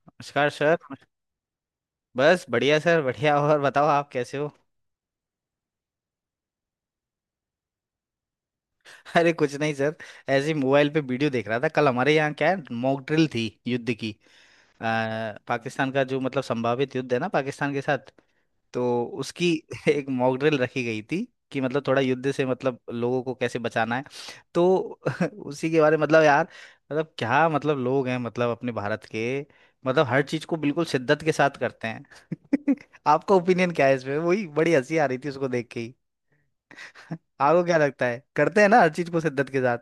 नमस्कार सर। बस बढ़िया सर बढ़िया। और बताओ आप कैसे हो? अरे कुछ नहीं सर। ऐसे ही मोबाइल पे वीडियो देख रहा था, कल हमारे यहाँ क्या है, मॉक ड्रिल थी युद्ध की। अ, पाकिस्तान का जो मतलब संभावित युद्ध है ना पाकिस्तान के साथ, तो उसकी एक मॉक ड्रिल रखी गई थी कि मतलब थोड़ा युद्ध से मतलब लोगों को कैसे बचाना है, तो उसी के बारे में मतलब यार, मतलब क्या, मतलब लोग हैं मतलब अपने भारत के, मतलब हर चीज को बिल्कुल शिद्दत के साथ करते हैं। आपका ओपिनियन क्या है इसमें? वही बड़ी हंसी आ रही थी उसको देख के ही। आपको क्या लगता है, करते हैं ना हर चीज को शिद्दत के साथ?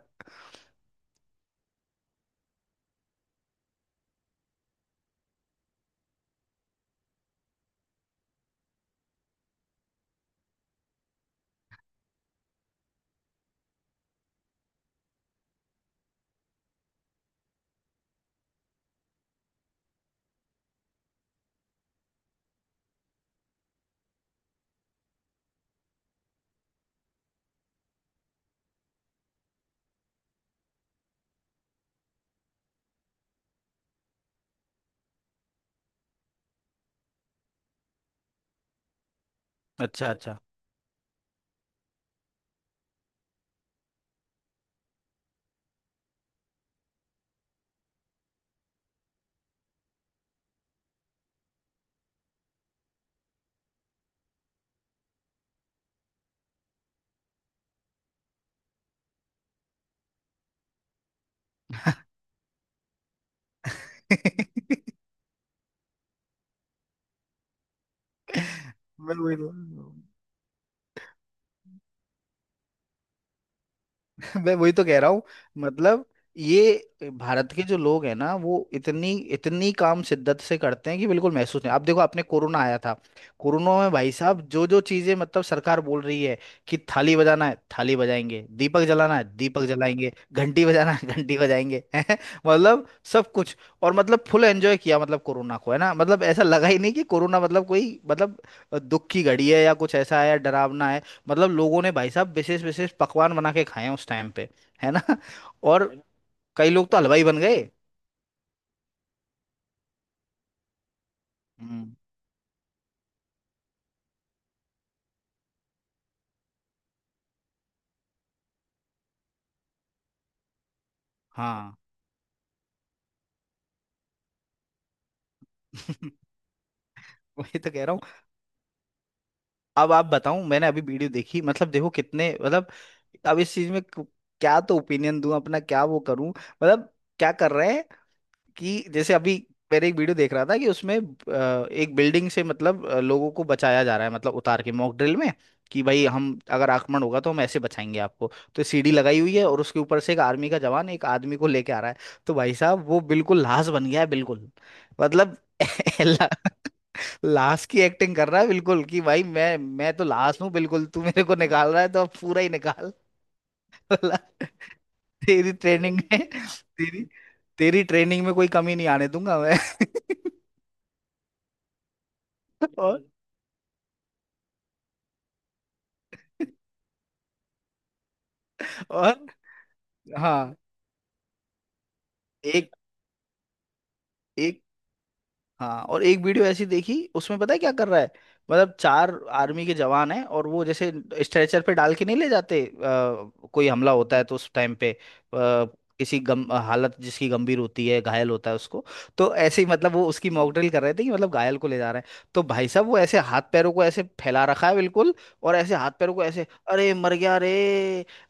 अच्छा अच्छा। मैं वही बोल रहा हूँ। मैं वही तो कह रहा हूँ, मतलब ये भारत के जो लोग हैं ना, वो इतनी इतनी काम शिद्दत से करते हैं कि बिल्कुल महसूस नहीं। आप देखो आपने कोरोना आया था, कोरोना में भाई साहब जो जो चीजें मतलब सरकार बोल रही है कि थाली बजाना है थाली बजाएंगे, दीपक जलाना है दीपक जलाएंगे, घंटी बजाना है घंटी बजाएंगे। हैं? मतलब सब कुछ। और मतलब फुल एंजॉय किया मतलब कोरोना को, है ना, मतलब ऐसा लगा ही नहीं कि कोरोना मतलब कोई मतलब दुख की घड़ी है या कुछ ऐसा है या डरावना है। मतलब लोगों ने भाई साहब विशेष विशेष पकवान बना के खाए हैं उस टाइम पे, है ना। और कई लोग तो हलवाई बन गए। हम्म। हाँ। वही तो कह रहा हूँ। अब आप बताऊं, मैंने अभी वीडियो देखी, मतलब देखो कितने, मतलब अब इस चीज में क्या तो ओपिनियन दूं अपना, क्या वो करूं, मतलब क्या कर रहे हैं। कि जैसे अभी मैंने एक वीडियो देख रहा था कि उसमें एक बिल्डिंग से मतलब लोगों को बचाया जा रहा है मतलब उतार के मॉक ड्रिल में, कि भाई हम अगर आक्रमण होगा तो हम ऐसे बचाएंगे आपको, तो सीढ़ी लगाई हुई है और उसके ऊपर से एक आर्मी का जवान एक आदमी को लेके आ रहा है, तो भाई साहब वो बिल्कुल लाश बन गया है बिल्कुल। मतलब ला- लाश की एक्टिंग कर रहा है बिल्कुल कि भाई मैं तो लाश हूँ बिल्कुल, तू मेरे को निकाल रहा है तो अब पूरा ही निकाल। तेरी ट्रेनिंग में तेरी तेरी ट्रेनिंग में कोई कमी नहीं आने दूंगा मैं। और और हाँ, एक एक हाँ, और एक वीडियो ऐसी देखी, उसमें पता है क्या कर रहा है? मतलब चार आर्मी के जवान हैं और वो जैसे स्ट्रेचर पे डाल के नहीं ले जाते, कोई हमला होता है तो उस टाइम पे किसी गम हालत, जिसकी गंभीर होती है, घायल होता है उसको, तो ऐसे ही मतलब वो उसकी मॉक ड्रिल कर रहे थे कि मतलब घायल को ले जा रहे हैं, तो भाई साहब वो ऐसे हाथ पैरों को ऐसे फैला रखा है बिल्कुल, और ऐसे हाथ पैरों को ऐसे अरे मर गया रे,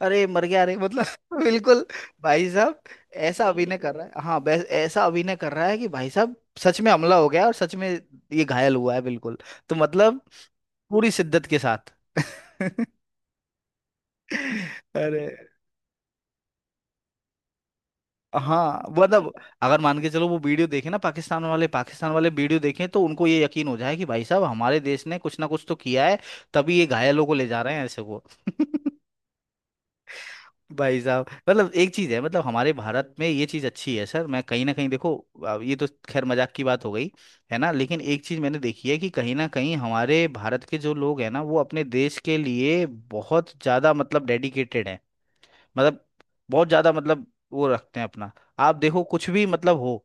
अरे मर गया रे, मतलब बिल्कुल। भाई साहब ऐसा अभिनय कर रहा है, हाँ बस ऐसा अभिनय कर रहा है कि भाई साहब सच में हमला हो गया और सच में ये घायल हुआ है बिल्कुल। तो मतलब पूरी शिद्दत के साथ। अरे हाँ, मतलब अगर मान के चलो वो वीडियो देखे ना पाकिस्तान वाले, पाकिस्तान वाले वीडियो देखें तो उनको ये यकीन हो जाए कि भाई साहब हमारे देश ने कुछ ना कुछ तो किया है, तभी ये घायलों को ले जा रहे हैं ऐसे वो। भाई साहब मतलब एक चीज है, मतलब हमारे भारत में ये चीज अच्छी है सर, मैं कहीं ना कहीं देखो, अब ये तो खैर मजाक की बात हो गई है ना, लेकिन एक चीज मैंने देखी है कि कहीं ना कहीं हमारे भारत के जो लोग हैं ना वो अपने देश के लिए बहुत ज्यादा मतलब डेडिकेटेड हैं, मतलब बहुत ज्यादा, मतलब वो रखते हैं अपना। आप देखो कुछ भी मतलब हो,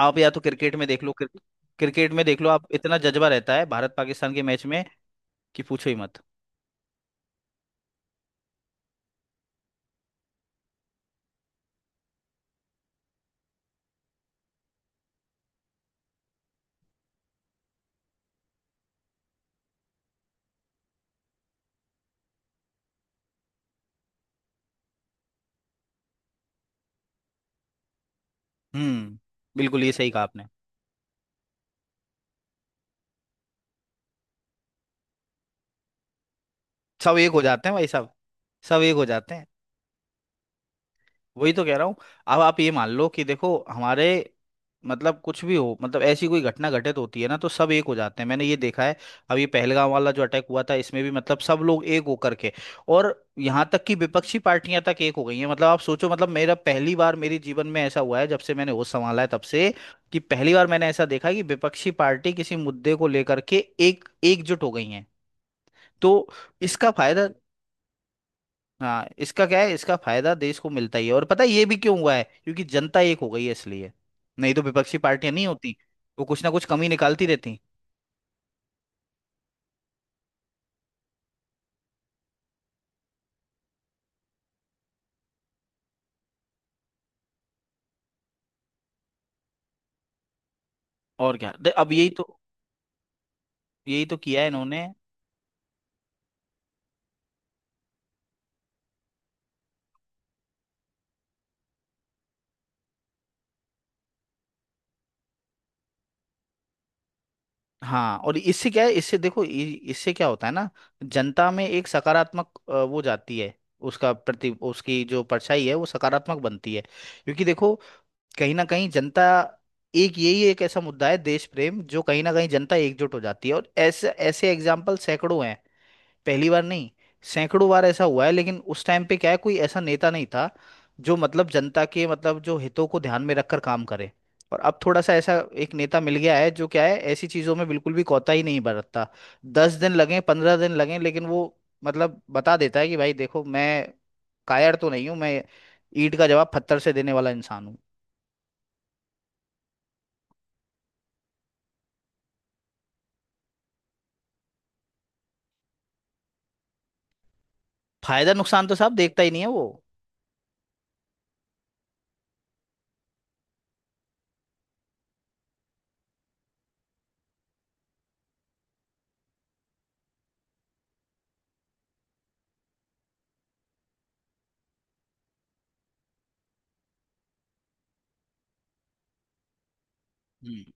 आप या तो क्रिकेट में देख लो, क्रिकेट में देख लो आप, इतना जज्बा रहता है भारत पाकिस्तान के मैच में कि पूछो ही मत। हम्म। बिल्कुल ये सही कहा आपने। सब एक हो जाते हैं भाई साहब, सब एक हो जाते हैं। वही तो कह रहा हूँ। अब आप ये मान लो कि देखो हमारे मतलब कुछ भी हो, मतलब ऐसी कोई घटना घटित होती है ना तो सब एक हो जाते हैं, मैंने ये देखा है। अब ये पहलगाम वाला जो अटैक हुआ था इसमें भी मतलब सब लोग एक होकर के, और यहाँ तक कि विपक्षी पार्टियां तक एक हो गई हैं, मतलब आप सोचो, मतलब मेरा पहली बार, मेरे जीवन में ऐसा हुआ है जब से मैंने होश संभाला है तब से, कि पहली बार मैंने ऐसा देखा है कि विपक्षी पार्टी किसी मुद्दे को लेकर के एक एकजुट हो गई हैं, तो इसका फायदा, हाँ इसका क्या है, इसका फायदा देश को मिलता ही है, और पता है ये भी क्यों हुआ है? क्योंकि जनता एक हो गई है, इसलिए। नहीं तो विपक्षी पार्टियां नहीं होती, वो कुछ ना कुछ कमी निकालती रहती। और अब यही तो, यही तो किया है इन्होंने। हाँ, और इससे क्या है, इससे देखो इससे क्या होता है ना, जनता में एक सकारात्मक वो जाती है, उसका प्रति उसकी जो परछाई है वो सकारात्मक बनती है, क्योंकि देखो कहीं ना कहीं जनता, एक यही एक ऐसा मुद्दा है देश प्रेम, जो कहीं ना कहीं जनता एकजुट हो जाती है, और ऐसे ऐसे एग्जाम्पल सैकड़ों हैं। पहली बार नहीं, सैकड़ों बार ऐसा हुआ है, लेकिन उस टाइम पे क्या है कोई ऐसा नेता नहीं था जो मतलब जनता के मतलब जो हितों को ध्यान में रखकर काम करे, और अब थोड़ा सा ऐसा एक नेता मिल गया है जो क्या है ऐसी चीजों में बिल्कुल भी कोताही ही नहीं बरतता। 10 दिन लगे, 15 दिन लगे, लेकिन वो मतलब बता देता है कि भाई देखो मैं कायर तो नहीं हूं मैं, ईंट का जवाब पत्थर से देने वाला इंसान हूँ। फायदा नुकसान तो साहब देखता ही नहीं है वो। हम्म।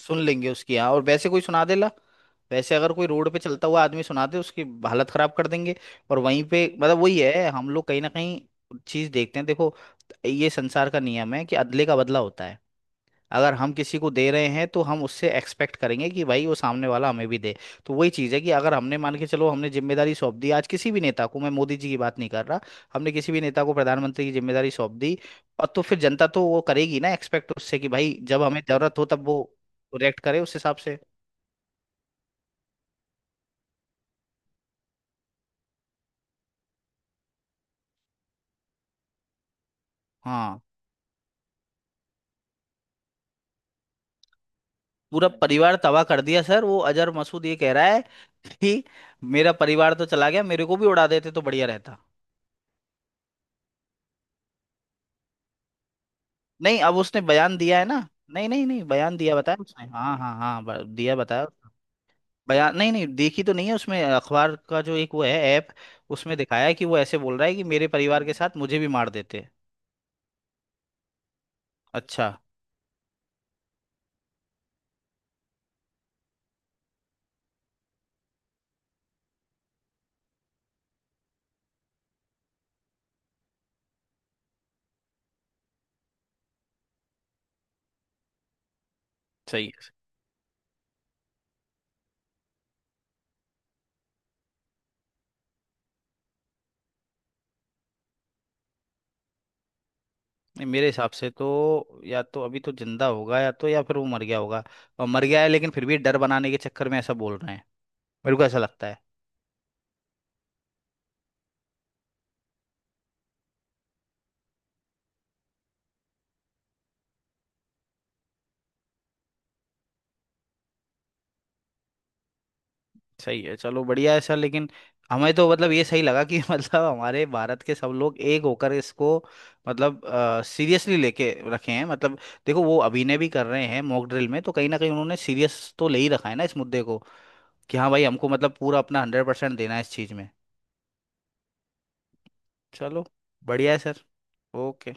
सुन लेंगे उसकी, हाँ। और वैसे कोई सुना दे ला, वैसे अगर कोई रोड पे चलता हुआ आदमी सुना दे उसकी हालत खराब कर देंगे। और वहीं पे मतलब वही है, हम लोग कहीं ना कहीं चीज देखते हैं। देखो ये संसार का नियम है कि अदले का बदला होता है, अगर हम किसी को दे रहे हैं तो हम उससे एक्सपेक्ट करेंगे कि भाई वो सामने वाला हमें भी दे, तो वही चीज़ है कि अगर हमने मान के चलो हमने जिम्मेदारी सौंप दी आज किसी भी नेता को, मैं मोदी जी की बात नहीं कर रहा, हमने किसी भी नेता को प्रधानमंत्री की जिम्मेदारी सौंप दी, और तो फिर जनता तो वो करेगी ना एक्सपेक्ट उससे कि भाई जब हमें जरूरत हो तब वो रिएक्ट करे उस हिसाब से। हाँ, पूरा परिवार तबाह कर दिया सर। वो अजहर मसूद ये कह रहा है कि मेरा परिवार तो चला गया, मेरे को भी उड़ा देते तो बढ़िया रहता। नहीं, अब उसने बयान दिया है ना, नहीं नहीं नहीं, बयान दिया बताया उसने, हाँ हाँ हाँ, दिया बताया उसने। बयान, नहीं नहीं देखी तो नहीं है, उसमें अखबार का जो एक वो है, ऐप, उसमें दिखाया है कि वो ऐसे बोल रहा है कि मेरे परिवार के साथ मुझे भी मार देते। अच्छा। सही है। नहीं, मेरे हिसाब से तो या तो अभी तो जिंदा होगा, या तो या फिर वो मर गया होगा और मर गया है लेकिन फिर भी डर बनाने के चक्कर में ऐसा बोल रहे हैं, मेरे को ऐसा लगता है। सही है, चलो बढ़िया है सर, लेकिन हमें तो मतलब ये सही लगा कि मतलब हमारे भारत के सब लोग एक होकर इसको मतलब सीरियसली लेके रखे हैं, मतलब देखो वो अभिनय भी कर रहे हैं मॉक ड्रिल में तो कहीं ना कहीं उन्होंने सीरियस तो ले ही रखा है ना इस मुद्दे को, कि हाँ भाई हमको मतलब पूरा अपना 100% देना है इस चीज़ में। चलो बढ़िया है सर। ओके।